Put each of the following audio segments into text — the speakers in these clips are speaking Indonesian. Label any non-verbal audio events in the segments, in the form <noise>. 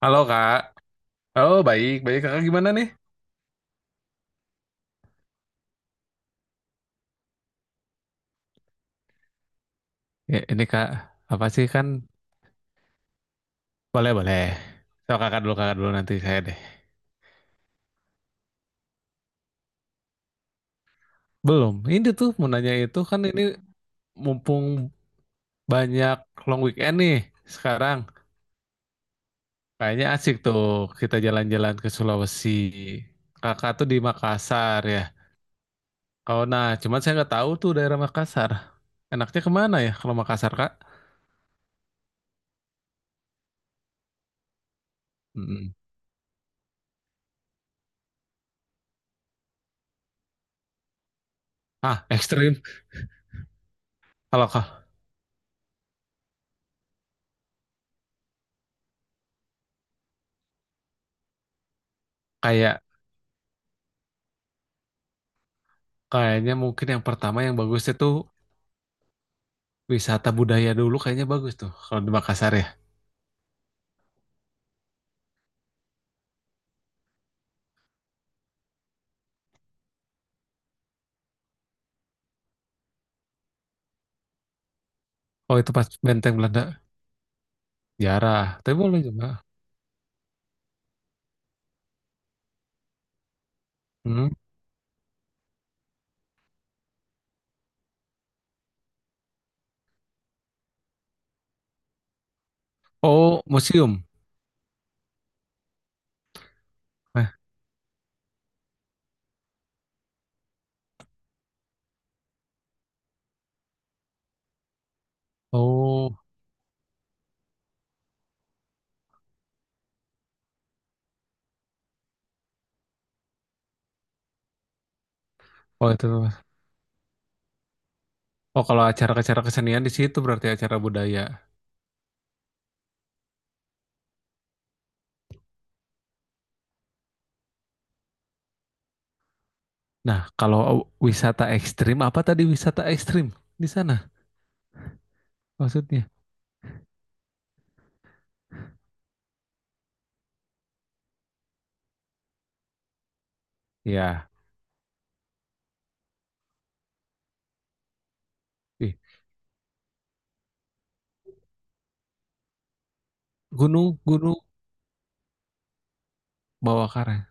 Halo Kak. Oh baik, baik Kakak gimana nih? Ya, ini Kak, apa sih kan? Boleh, boleh. So, kakak dulu nanti saya deh. Belum, ini tuh mau nanya itu kan ini mumpung banyak long weekend nih sekarang. Kayaknya asik tuh kita jalan-jalan ke Sulawesi. Kakak tuh di Makassar ya. Oh nah, cuman saya nggak tahu tuh daerah Makassar. Enaknya kemana ya kalau Makassar, Kak? Mm-mm. Ah, ekstrim. Kalau kak, kayak kayaknya mungkin yang pertama yang bagusnya tuh wisata budaya dulu kayaknya bagus tuh kalau di Makassar ya. Oh itu pas benteng Belanda jarah, tapi boleh juga. Hmm. Oh museum. Eh, oh, oh itu. Oh kalau acara-acara kesenian di situ berarti acara budaya. Nah kalau wisata ekstrim apa tadi wisata ekstrim di sana maksudnya? Ya, ih, gunung gunung bawah karang,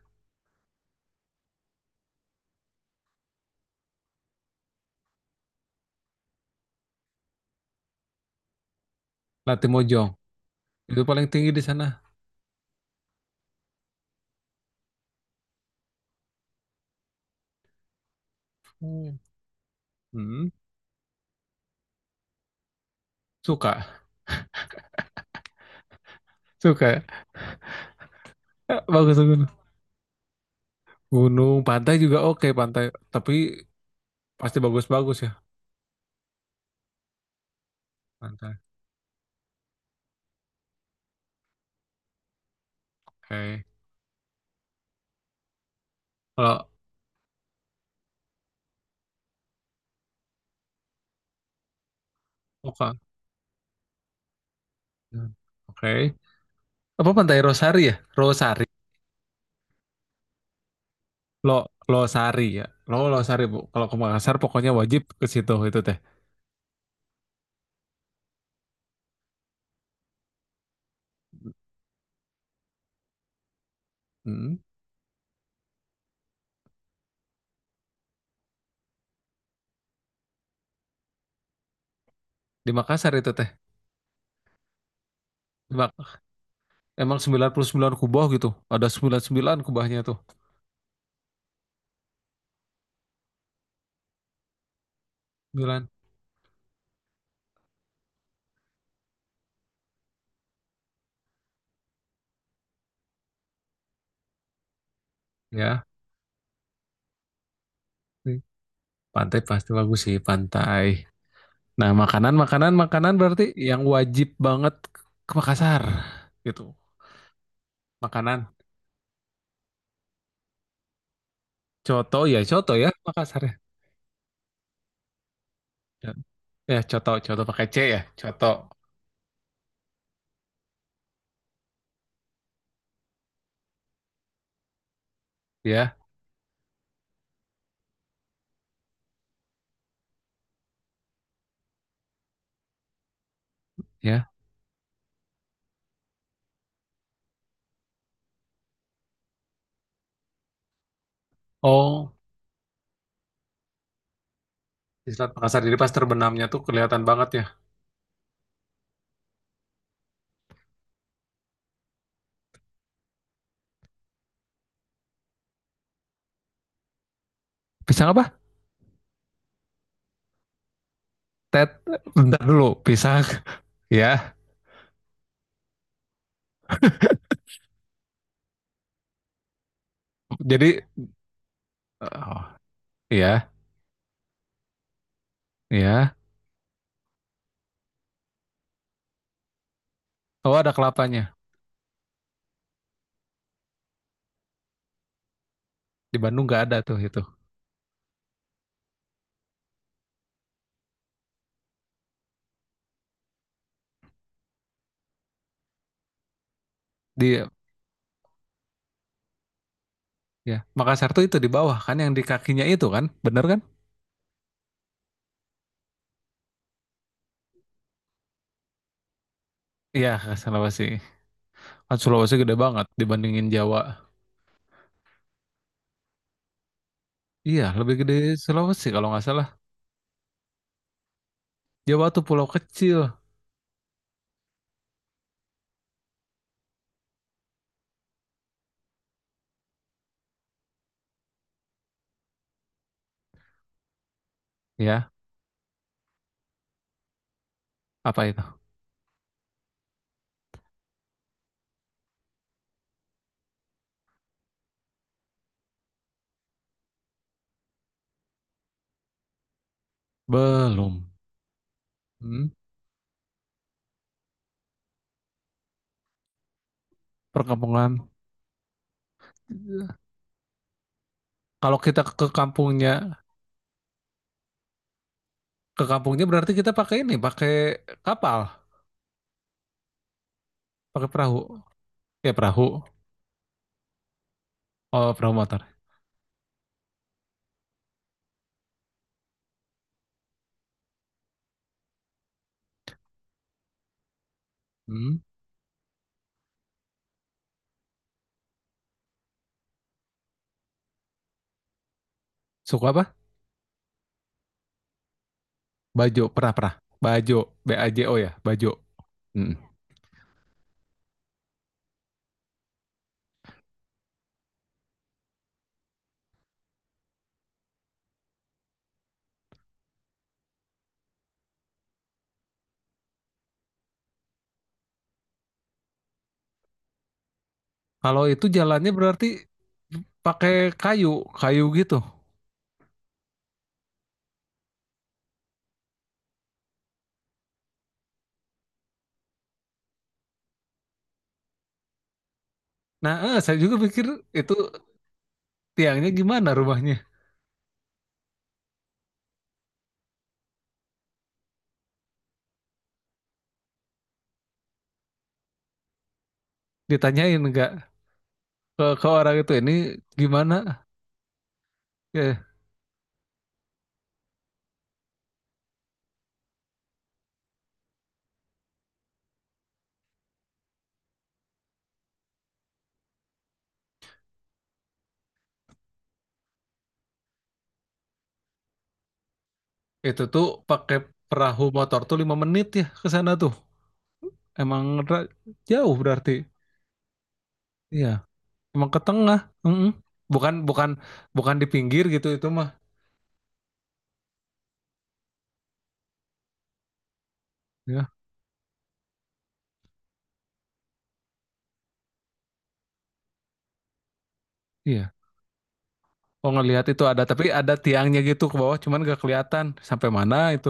Latimojong itu paling tinggi di sana. Hmm. Hmm. Suka, suka. Bagus gunung. Gunung, pantai juga oke pantai. Tapi pasti bagus-bagus ya pantai. Oke. Kalau oke. Hmm. Oke. Apa pantai Rosari ya? Rosari. Lo Losari ya. Losari, Bu. Kalau ke Makassar pokoknya wajib ke situ itu teh. Hmm. Di Makassar itu teh. Di Mak- Emang 99 kubah gitu. Ada 99 kubahnya tuh. sembilan Ya. Hmm. Pantai pasti bagus sih, pantai. Nah, makanan makanan makanan berarti yang wajib banget ke Makassar gitu. Makanan coto ya Makassar, ya. Ya, ya, coto, coto pakai C ya, coto. Ya, ya. Oh, di Selat Makassar. Jadi pas terbenamnya tuh kelihatan banget ya. Pisang apa? Tet, bentar dulu. Pisang. <laughs> Ya, jadi, oh, ya, ya. Oh, ada kelapanya. Di Bandung nggak ada tuh itu. Di, ya, Makassar tuh itu di bawah kan, yang di kakinya itu kan, bener kan? Iya, Sulawesi. Kan Sulawesi gede banget dibandingin Jawa. Iya, lebih gede Sulawesi kalau nggak salah. Jawa tuh pulau kecil. Ya, apa itu? Belum. Hmm, perkampungan. Kalau kita ke kampungnya berarti kita pakai ini, pakai kapal, pakai perahu. Ya perahu. Oh, perahu motor. Hmm. Suku apa? Bajo, pernah-pernah. Bajo, B A J O ya, Bajo. Hmm. Kalau itu jalannya berarti pakai kayu, kayu gitu. Nah, saya juga pikir itu tiangnya gimana rumahnya. Ditanyain enggak ke orang itu ini gimana? Ya, itu tuh pakai perahu motor tuh 5 menit ya ke sana tuh. Emang ra- jauh berarti. Iya, emang ke tengah. Mm-mm. Bukan bukan bukan di pinggir gitu itu mah. Ya, iya. Oh ngelihat itu ada tapi ada tiangnya gitu ke bawah cuman gak kelihatan sampai mana itu.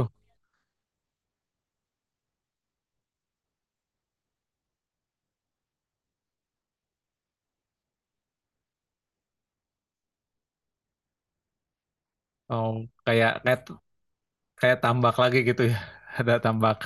Oh, kayak kayak kayak tambak lagi gitu ya. <laughs> Ada tambak.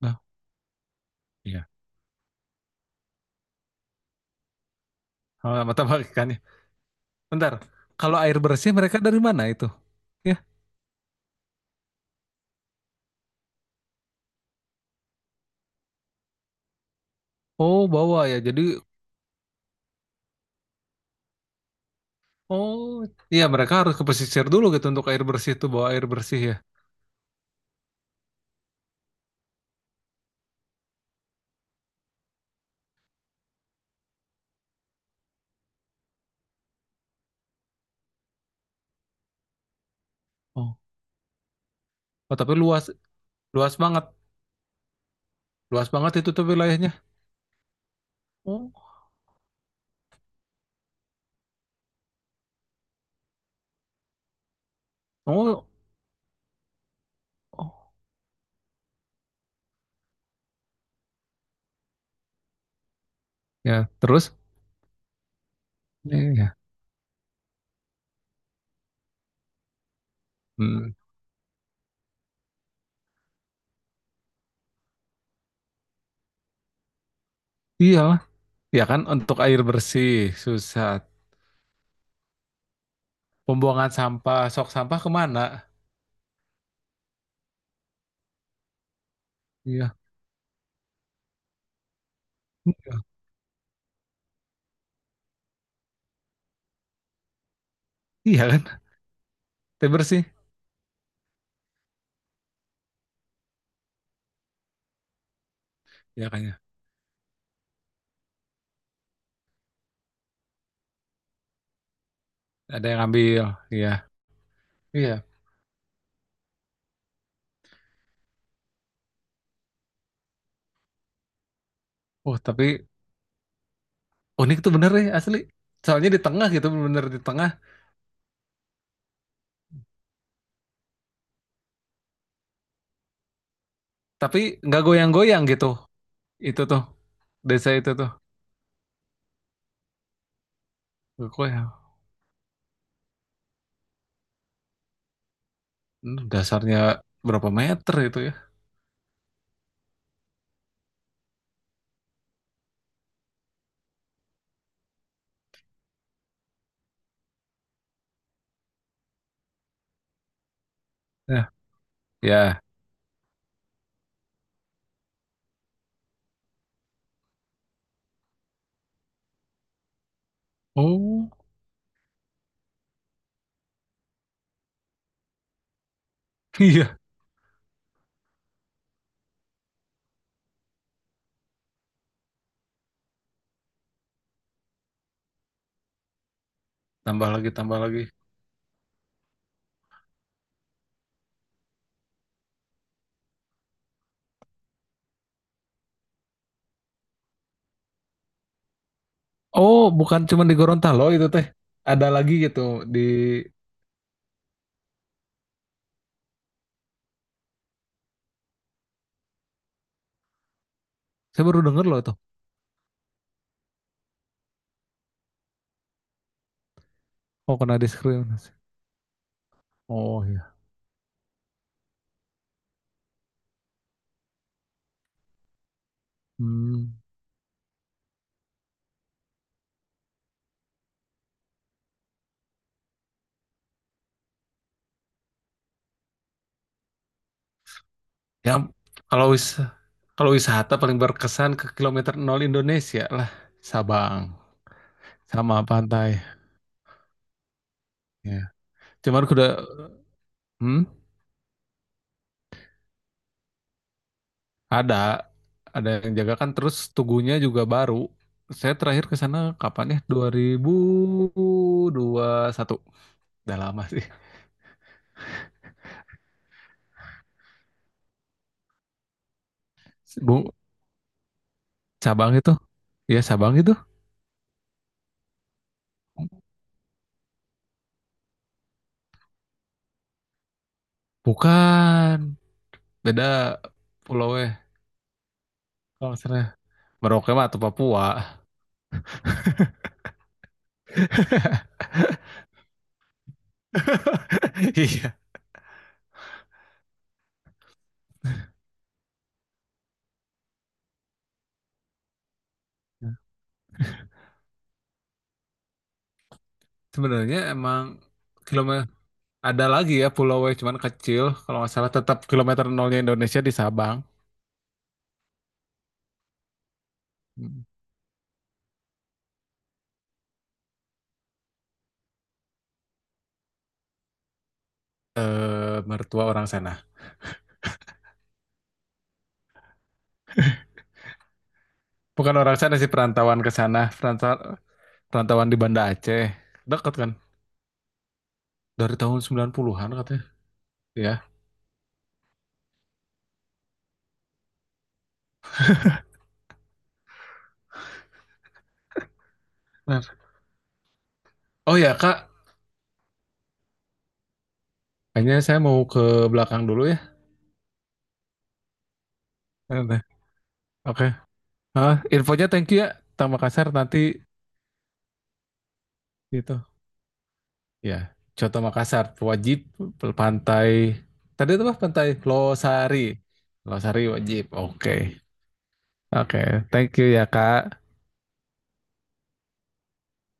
Nah, iya. Sama sama tambak ikannya. Bentar. Kalau air bersih mereka dari mana itu? Ya. Oh, bawa ya. Jadi, oh, iya mereka harus ke pesisir dulu gitu untuk air bersih itu bawa air bersih ya. Oh, oh tapi luas luas banget, luas banget itu tuh wilayahnya. Oh, oh, oh. Ya, terus. Iya, iya. Hmm. Iyalah, ya kan untuk air bersih susah. Pembuangan sampah, sok sampah kemana? Iya, iya. Iya kan, air bersih, ya kan ya. Ada yang ambil, iya, iya. Oh, tapi unik tuh bener ya asli. Soalnya di tengah gitu, bener di tengah. Tapi nggak goyang-goyang gitu. Itu tuh desa itu tuh gue ya. Dasarnya berapa meter itu ya. Ya, ya. Oh. <laughs> Iya, tambah lagi tambah lagi. Oh, bukan cuma di Gorontalo itu teh. Ada lagi gitu di. Saya baru denger loh itu. Oh, kena diskriminasi. Oh, iya. Hmm, ya. Kalau wisata paling berkesan ke kilometer 0 Indonesia lah. Sabang sama pantai ya cuman kuda. Hmm. Ada, ada yang jaga kan terus tugunya juga baru. Saya terakhir ke sana kapan ya? 2021. Udah lama sih. Bu, cabang itu. Iya, cabang itu. Bukan. Beda pulau eh. Kalau nggak salah. Merauke mah atau Papua. <laughs> Iya. Sebenarnya emang kilometer ada lagi ya pulau eh, cuman kecil. Kalau nggak salah tetap kilometer 0-nya Indonesia di Sabang. Mertua orang sana. Bukan orang sana sih perantauan ke sana, perantauan perantauan di Banda Aceh. Dekat kan? Dari tahun 90-an katanya. Ya. Benar. Oh ya, Kak. Kayaknya saya mau ke belakang dulu ya. Nanti. Oke. Hah, infonya thank you ya. Kota Makassar nanti gitu. Ya, Coto Makassar wajib pantai. Tadi itu apa pantai Losari. Losari wajib. Oke. Oke, thank you ya, Kak.